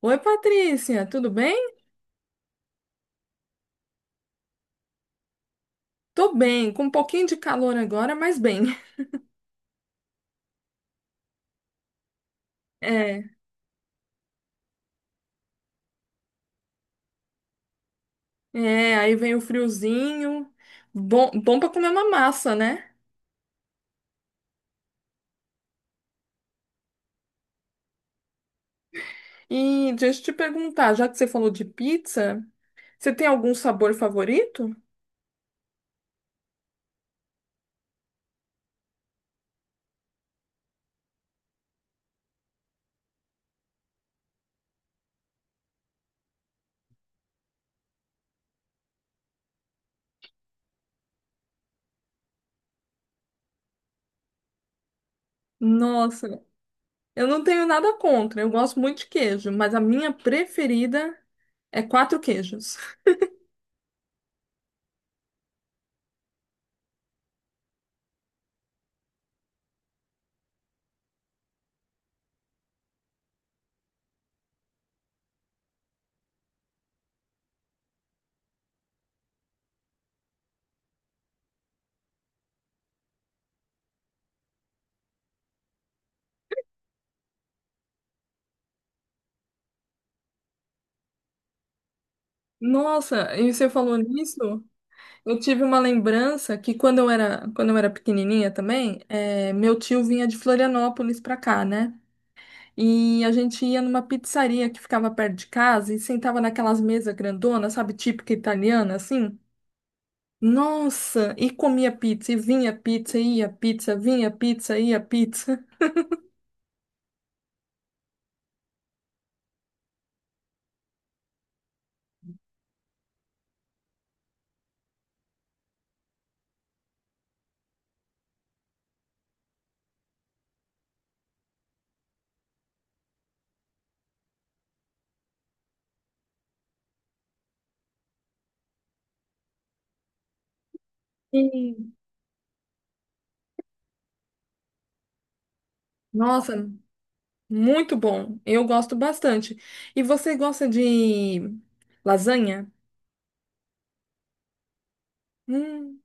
Oi, Patrícia, tudo bem? Tô bem, com um pouquinho de calor agora, mas bem. É, aí vem o friozinho, bom para comer uma massa, né? E deixa eu te perguntar, já que você falou de pizza, você tem algum sabor favorito? Nossa, eu não tenho nada contra, eu gosto muito de queijo, mas a minha preferida é quatro queijos. Nossa, e você falou nisso? Eu tive uma lembrança que quando eu era pequenininha também, meu tio vinha de Florianópolis pra cá, né? E a gente ia numa pizzaria que ficava perto de casa e sentava naquelas mesas grandonas, sabe, típica italiana, assim. Nossa, e comia pizza, e vinha pizza, e ia pizza, vinha pizza, ia pizza. Sim. Nossa, muito bom. Eu gosto bastante. E você gosta de lasanha? Hum.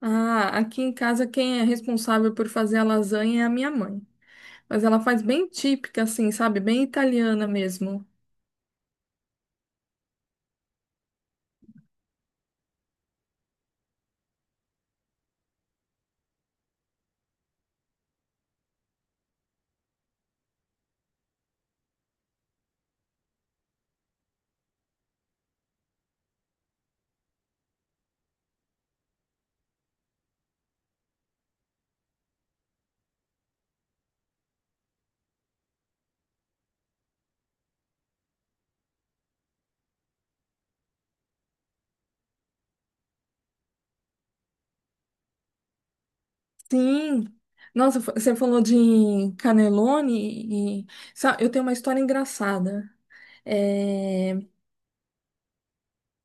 Ah, aqui em casa quem é responsável por fazer a lasanha é a minha mãe. Mas ela faz bem típica, assim, sabe? Bem italiana mesmo. Sim. Nossa, você falou de cannelloni e eu tenho uma história engraçada. É,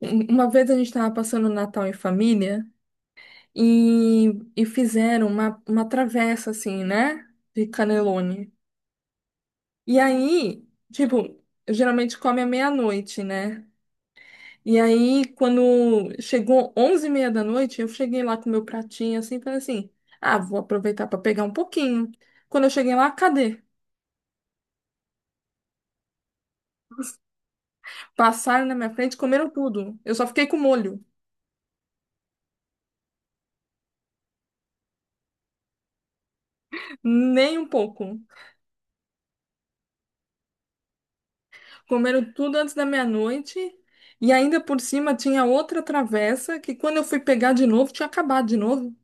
Uma vez a gente estava passando o Natal em família e, e fizeram uma travessa, assim, né? De cannelloni. E aí, tipo, geralmente come à meia-noite, né? E aí, quando chegou onze e meia da noite, eu cheguei lá com meu pratinho, assim, falei assim, ah, vou aproveitar para pegar um pouquinho. Quando eu cheguei lá, cadê? Passaram na minha frente, comeram tudo. Eu só fiquei com molho, nem um pouco. Comeram tudo antes da meia-noite e ainda por cima tinha outra travessa que quando eu fui pegar de novo, tinha acabado de novo.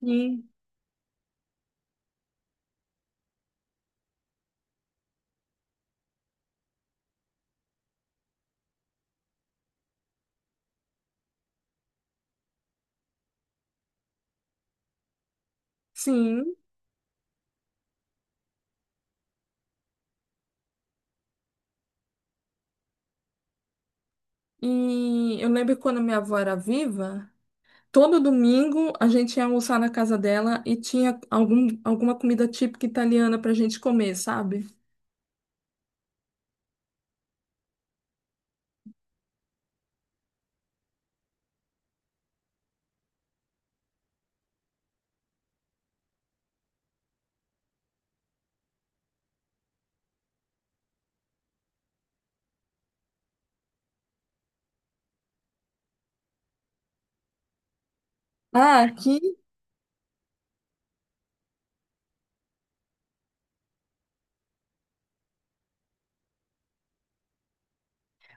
Sim, sim, e eu lembro quando minha avó era viva. Todo domingo a gente ia almoçar na casa dela e tinha alguma comida típica italiana pra gente comer, sabe? Ah, aqui,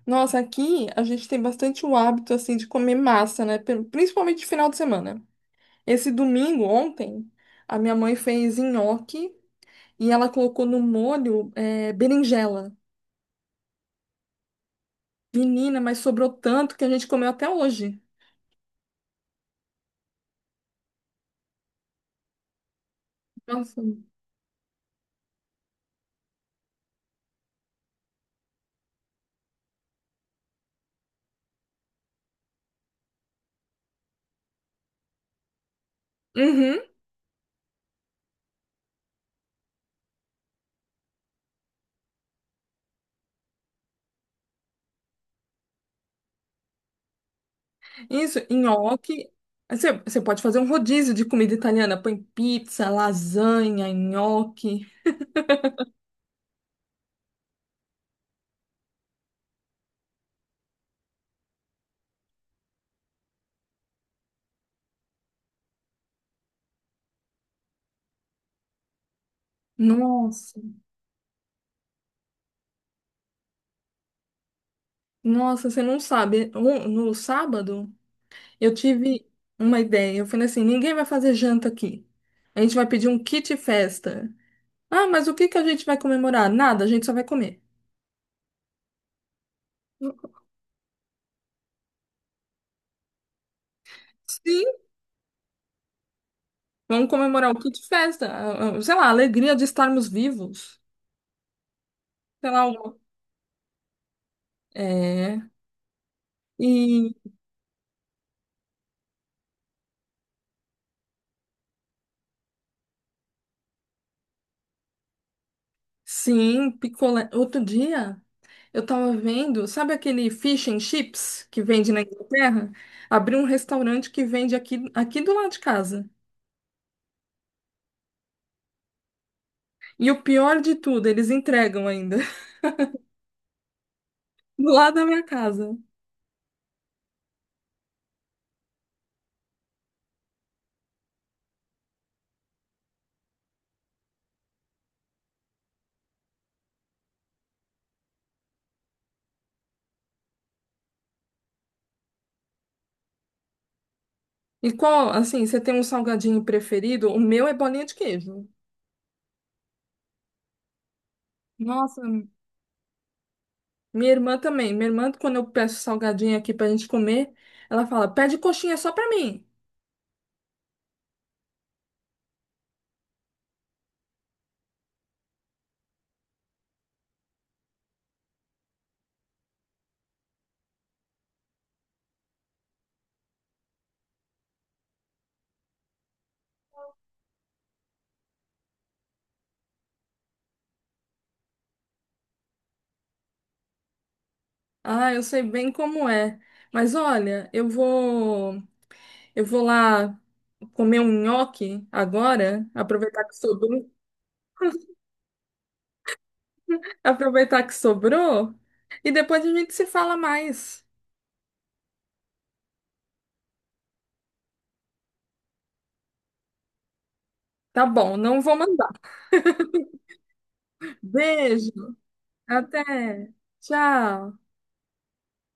nossa, aqui a gente tem bastante o hábito assim de comer massa, né? Principalmente de final de semana. Esse domingo, ontem, a minha mãe fez nhoque e ela colocou no molho berinjela. Menina, mas sobrou tanto que a gente comeu até hoje. Nossa. Uhum. Isso, nhoque. Você pode fazer um rodízio de comida italiana. Põe pizza, lasanha, nhoque. Nossa, nossa, você não sabe. No sábado, eu tive uma ideia. Eu falei assim: ninguém vai fazer janta aqui. A gente vai pedir um kit festa. Ah, mas o que que a gente vai comemorar? Nada, a gente só vai comer. Sim, vamos comemorar o kit festa. Sei lá, a alegria de estarmos vivos. Sei lá, é. E sim, picolé. Outro dia eu tava vendo, sabe aquele fish and chips que vende na Inglaterra? Abriu um restaurante que vende aqui, aqui do lado de casa. E o pior de tudo, eles entregam ainda, do lado da minha casa. E qual, assim, você tem um salgadinho preferido? O meu é bolinha de queijo. Nossa, minha irmã também. Minha irmã, quando eu peço salgadinho aqui pra gente comer, ela fala: pede coxinha só pra mim. Ah, eu sei bem como é. Mas olha, Eu vou lá comer um nhoque agora, aproveitar que sobrou, aproveitar que sobrou, e depois a gente se fala mais. Tá bom, não vou mandar. Beijo, até. Tchau.